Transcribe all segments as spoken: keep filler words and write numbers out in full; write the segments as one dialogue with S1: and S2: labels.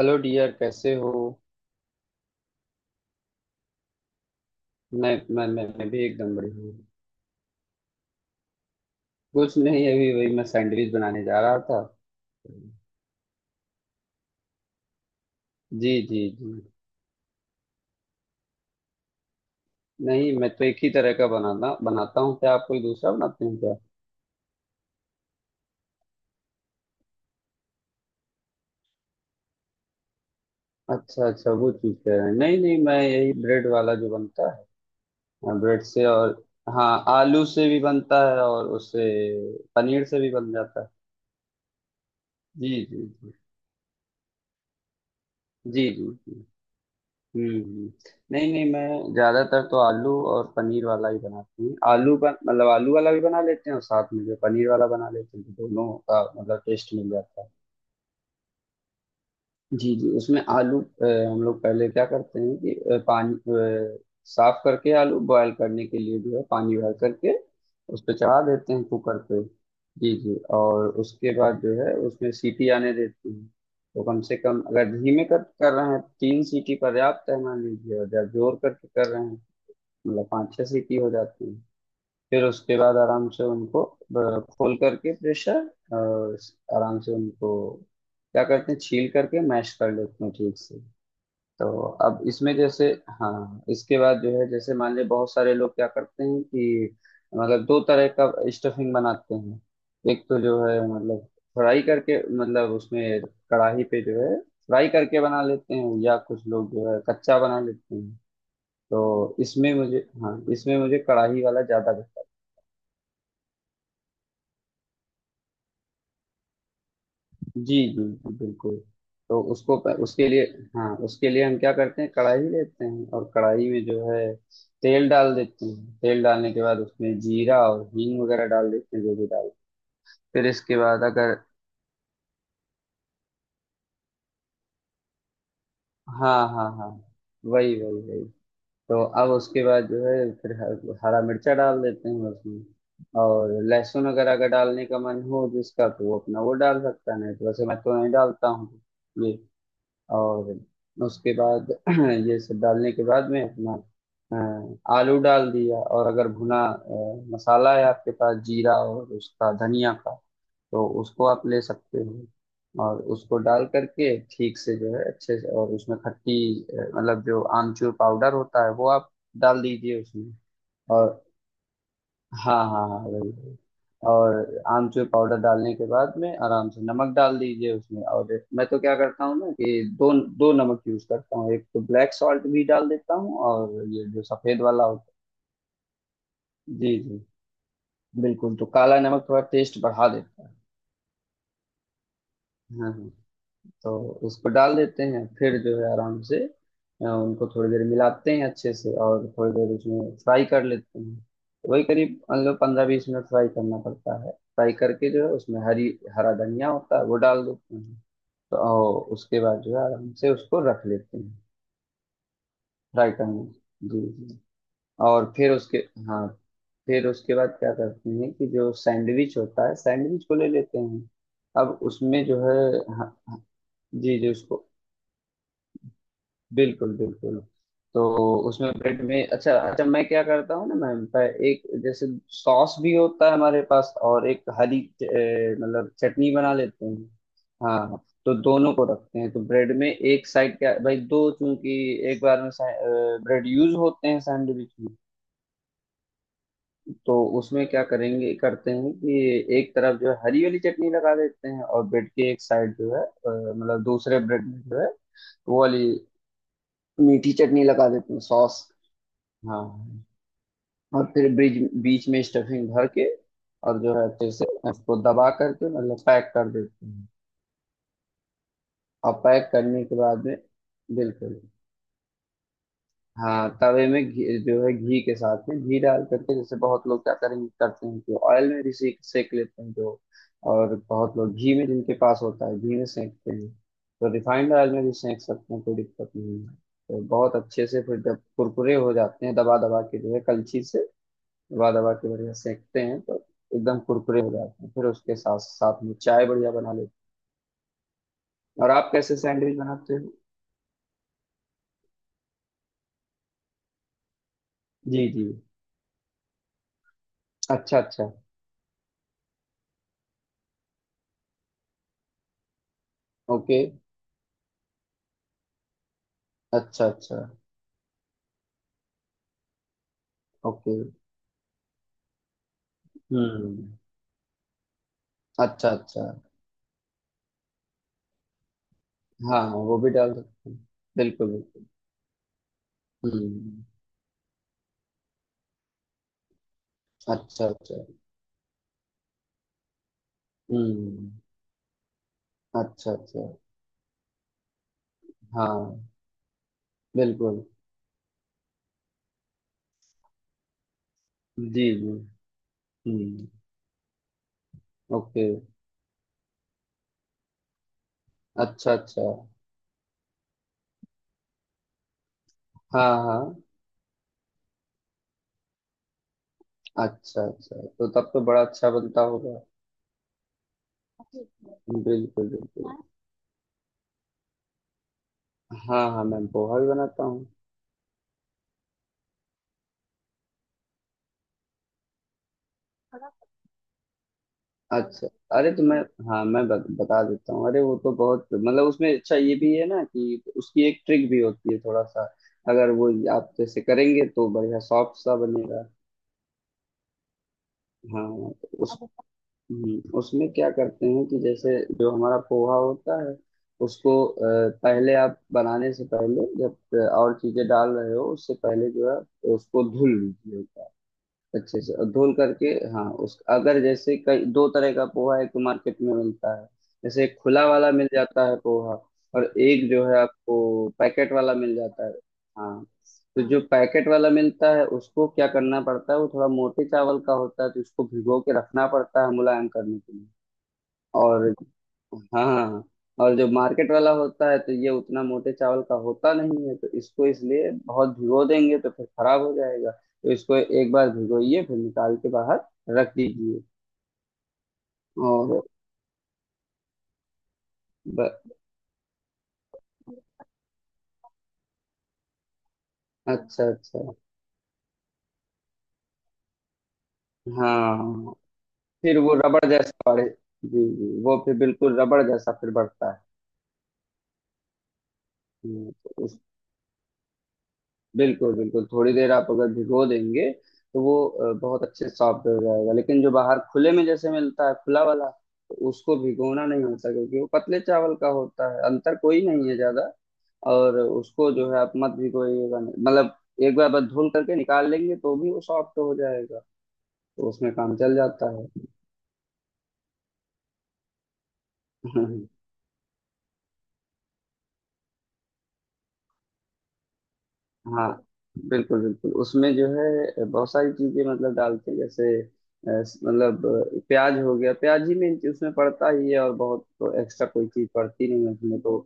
S1: Hello dear, कैसे हो? मैं मैं मैं, मैं भी एकदम बढ़िया हूँ। कुछ नहीं, अभी वही मैं सैंडविच बनाने जा रहा था। जी जी जी। नहीं, मैं तो एक ही तरह का बनाता बनाता हूँ। क्या आप कोई दूसरा बनाते हैं क्या? अच्छा अच्छा, वो चीज़ कह रहे हैं। नहीं नहीं, मैं यही ब्रेड वाला जो बनता है, ब्रेड से। और हाँ, आलू से भी बनता है, और उससे पनीर से भी बन जाता है। जी जी जी। जी जी जी। हम्म। नहीं नहीं, मैं ज्यादातर तो आलू और पनीर वाला ही बनाती हूँ। आलू बन मतलब आलू वाला भी बना लेते हैं और साथ में जो पनीर वाला बना लेते हैं, तो दोनों का मतलब टेस्ट मिल जाता है। जी जी, उसमें आलू अ, हम लोग पहले क्या करते हैं कि अ, पानी अ, साफ करके आलू बॉयल करने के लिए जो है, पानी बॉयल करके उस पर चढ़ा देते हैं कुकर पे। जी जी, और उसके बाद जो है उसमें सीटी आने देते हैं। तो कम से कम अगर धीमे कर कर रहे हैं, तीन सीटी पर्याप्त है मान लीजिए, और जब जोर करके कर रहे हैं, मतलब पाँच छह सीटी हो जाती। फिर उसके बाद आराम से उनको अ, खोल करके प्रेशर अ, आराम से उनको क्या करते हैं, छील करके मैश कर लेते हैं ठीक से। तो अब इसमें जैसे, हाँ, इसके बाद जो है जैसे मान लीजिए बहुत सारे लोग क्या करते हैं कि मतलब दो तरह का स्टफिंग बनाते हैं। एक तो जो है मतलब फ्राई करके, मतलब उसमें कढ़ाई पे जो है फ्राई करके बना लेते हैं, या कुछ लोग जो है कच्चा बना लेते हैं। तो इसमें मुझे, हाँ, इसमें मुझे कढ़ाई वाला ज्यादा। जी जी जी, बिल्कुल। तो उसको, उसके लिए, हाँ, उसके लिए हम क्या करते हैं, कढ़ाई लेते हैं और कढ़ाई में जो है तेल डाल देते हैं। तेल डालने के बाद उसमें जीरा और हींग वगैरह डाल देते हैं, जो भी डाल, फिर इसके बाद अगर, हाँ हाँ हाँ, वही वही वही। तो अब उसके बाद जो है फिर ह- हरा मिर्चा डाल देते हैं उसमें। और लहसुन अगर अगर डालने का मन हो जिसका, तो वो अपना वो डाल सकता है, नहीं तो वैसे मैं तो नहीं डालता हूँ। और उसके बाद ये सब डालने के बाद में अपना अ, आलू डाल दिया। और अगर भुना अ, मसाला है आपके पास, जीरा और उसका धनिया का, तो उसको आप ले सकते हो। और उसको डाल करके ठीक से जो है अच्छे से, और उसमें खट्टी अ, मतलब जो आमचूर पाउडर होता है, वो आप डाल दीजिए उसमें। और हाँ हाँ हाँ, वही वही। और आमचूर पाउडर डालने के बाद में आराम से नमक डाल दीजिए उसमें, और मैं तो क्या करता हूँ ना कि दो दो नमक यूज करता हूँ, एक तो ब्लैक सॉल्ट भी डाल देता हूँ और ये जो सफेद वाला होता है। जी जी, बिल्कुल। तो काला नमक थोड़ा टेस्ट बढ़ा देता है। हाँ हाँ। तो उसको डाल देते हैं, फिर जो है आराम से अ, उनको थोड़ी देर मिलाते हैं अच्छे से, और थोड़ी देर उसमें फ्राई कर लेते हैं। वही करीब मतलब पंद्रह बीस मिनट फ्राई करना पड़ता है। फ्राई करके जो है उसमें हरी, हरा धनिया होता है, वो डाल देते हैं। तो और उसके बाद जो है आराम से उसको रख लेते हैं, फ्राई करने। जी। जी। और फिर उसके, हाँ, फिर उसके बाद क्या करते हैं कि जो सैंडविच होता है, सैंडविच को ले लेते हैं। अब उसमें जो है, हाँ, जी जी, उसको बिल्कुल बिल्कुल। तो उसमें ब्रेड में, अच्छा अच्छा, मैं क्या करता हूँ ना मैम, प- एक जैसे सॉस भी होता है हमारे पास, और एक हरी च- ए, मतलब चटनी बना लेते हैं। हाँ। तो दोनों को रखते हैं, तो ब्रेड में एक साइड, क्या भाई, दो चूंकि एक बार में ब्रेड यूज होते हैं सैंडविच में। तो उसमें क्या करेंगे, करते हैं कि एक तरफ जो है हरी वाली चटनी लगा देते हैं, और ब्रेड के एक साइड जो है अ, मतलब दूसरे ब्रेड में जो है, वो वाली मीठी चटनी लगा देते हैं, सॉस। हाँ। और फिर बीच बीच में स्टफिंग भर के, और जो है अच्छे से उसको दबा करके मतलब पैक कर देते हैं। और पैक करने के बाद में, बिल्कुल, हाँ, तवे में घी जो है, घी के साथ में घी डाल करके, जैसे बहुत लोग क्या करेंगे करते हैं कि ऑयल में भी सेक सेक लेते हैं जो, और बहुत लोग घी में, जिनके पास होता है घी में सेकते हैं, तो रिफाइंड ऑयल में भी सेक सकते हैं, कोई दिक्कत नहीं है। तो बहुत अच्छे से फिर जब कुरकुरे हो जाते हैं, दबा दबा के जो है कलछी से दबा दबा के बढ़िया सेकते हैं, तो एकदम कुरकुरे हो जाते हैं। फिर उसके साथ साथ में चाय बढ़िया बना लेते हैं। और आप कैसे सैंडविच बनाते हो? जी जी। अच्छा अच्छा। ओके। अच्छा अच्छा। ओके। हम्म। अच्छा अच्छा। हाँ हाँ, वो भी डाल सकते हैं। बिल्कुल बिल्कुल। हम्म। अच्छा अच्छा। हम्म। अच्छा अच्छा। हाँ, बिल्कुल। जी जी। हम्म। ओके। अच्छा अच्छा। हाँ हाँ। अच्छा अच्छा, तो तब तो बड़ा अच्छा बनता होगा। बिल्कुल बिल्कुल। हाँ हाँ, मैं पोहा भी बनाता हूँ। अच्छा, अरे तो मैं, हाँ, मैं बत, बता देता हूँ। अरे वो तो बहुत, मतलब उसमें अच्छा ये भी है ना कि उसकी एक ट्रिक भी होती है थोड़ा सा। अगर वो आप जैसे करेंगे तो बढ़िया सॉफ्ट सा बनेगा। हाँ। तो उस, हम्म, उसमें क्या करते हैं कि जैसे जो हमारा पोहा होता है, उसको अ, पहले, आप बनाने से पहले जब अ, और चीजें डाल रहे हो, उससे पहले जो है उसको धुल लीजिए अच्छे से। और धुल करके, हाँ, उस अगर जैसे, कई दो तरह का पोहा, एक तो मार्केट में मिलता है, जैसे एक खुला वाला मिल जाता है पोहा, और एक जो है आपको पैकेट वाला मिल जाता है। हाँ। तो जो पैकेट वाला मिलता है, उसको क्या करना पड़ता है, वो थोड़ा मोटे चावल का होता है, तो उसको भिगो के रखना पड़ता है मुलायम करने के लिए। और हाँ, और जो मार्केट वाला होता है, तो ये उतना मोटे चावल का होता नहीं है, तो इसको इसलिए बहुत भिगो देंगे तो फिर खराब हो जाएगा। तो इसको एक बार भिगोइए, फिर निकाल के बाहर रख दीजिए। और ब, अच्छा अच्छा, हाँ, फिर वो रबड़ जैसा बढ़े। जी जी, वो फिर बिल्कुल रबड़ जैसा फिर बढ़ता है। हम्म, तो बिल्कुल बिल्कुल, थोड़ी देर आप अगर भिगो देंगे तो वो अ, बहुत अच्छे सॉफ्ट हो जाएगा। लेकिन जो बाहर खुले में जैसे मिलता है खुला वाला, तो उसको भिगोना नहीं होता, क्योंकि वो पतले चावल का होता है, अंतर कोई नहीं है ज्यादा। और उसको जो है आप मत भिगोइएगा, मतलब एक बार बस धुल करके निकाल लेंगे तो भी वो सॉफ्ट हो जाएगा, तो उसमें काम चल जाता है। हाँ, बिल्कुल बिल्कुल, उसमें जो है बहुत सारी चीजें मतलब डालते हैं, जैसे अ, मतलब अ, प्याज हो गया, प्याज ही में उसमें पड़ता ही है, और बहुत तो एक्स्ट्रा कोई चीज पड़ती नहीं है उसमें, तो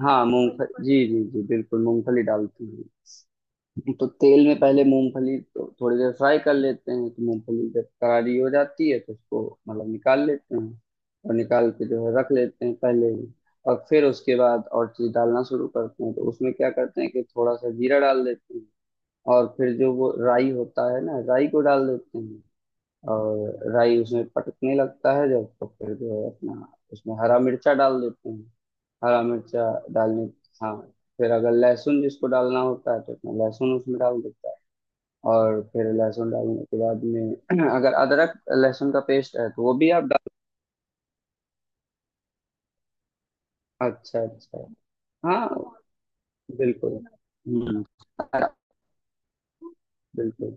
S1: हाँ, मूंगफली, जी जी जी, बिल्कुल मूंगफली डालते हैं। तो तेल में पहले मूंगफली को थोड़ी देर फ्राई कर लेते हैं, तो मूंगफली जब करारी हो जाती है तो उसको मतलब निकाल लेते हैं, और निकाल के जो है रख लेते हैं पहले ही। और फिर उसके बाद और चीज डालना शुरू करते हैं, तो उसमें क्या करते हैं कि थोड़ा सा जीरा डाल देते हैं, और फिर जो वो राई होता है ना, राई को डाल देते हैं। और राई उसमें पटकने लगता है जब, तो फिर जो है अपना उसमें हरा मिर्चा डाल देते हैं। हरा मिर्चा डालने, हाँ, फिर अगर लहसुन जिसको डालना होता है, तो अपना लहसुन उसमें डाल देता है। और फिर लहसुन डालने के बाद में अगर अदरक लहसुन का पेस्ट है, तो वो भी आप डाल। अच्छा अच्छा। हाँ, बिल्कुल। हम्म। बिल्कुल।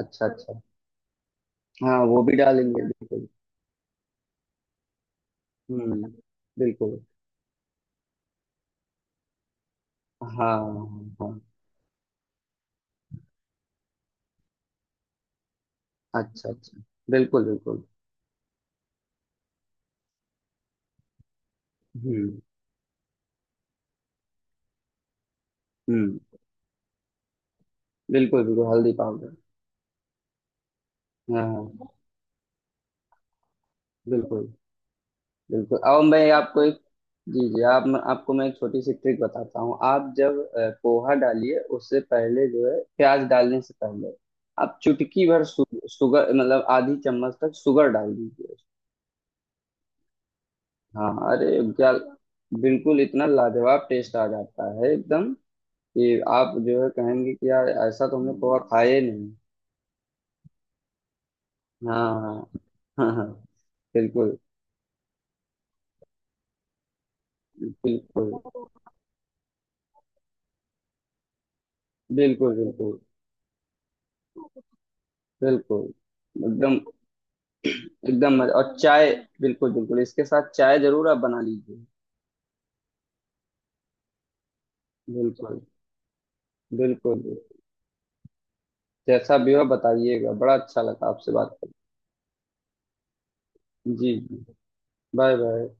S1: अच्छा अच्छा। हाँ, वो भी डालेंगे बिल्कुल। हम्म। बिल्कुल। हाँ हाँ। हाँ। अच्छा अच्छा। बिल्कुल बिल्कुल। हम्म हम्म। बिल्कुल बिल्कुल, हल्दी पाउडर। हाँ हाँ। बिल्कुल बिल्कुल। अब मैं आपको एक, जी जी, आप, आपको मैं एक छोटी सी ट्रिक बताता हूँ। आप जब अ, पोहा डालिए, उससे पहले जो है, प्याज डालने से पहले आप चुटकी भर सु, सुगर मतलब आधी चम्मच तक शुगर डाल दीजिए। हाँ, अरे क्या, बिल्कुल, इतना लाजवाब टेस्ट आ जाता है एकदम, कि आप जो है कहेंगे कि यार ऐसा तो हमने पोहा खाया ही नहीं। हाँ हाँ। हाँ हाँ। बिल्कुल। बिल्कुल बिल्कुल बिल्कुल बिल्कुल। एकदम, एकदम मजा, और चाय, बिल्कुल बिल्कुल, इसके साथ चाय जरूर आप बना लीजिए। बिल्कुल बिल्कुल। जैसा भी हो बताइएगा, बड़ा अच्छा लगा आपसे बात करके। जी जी। Bye bye.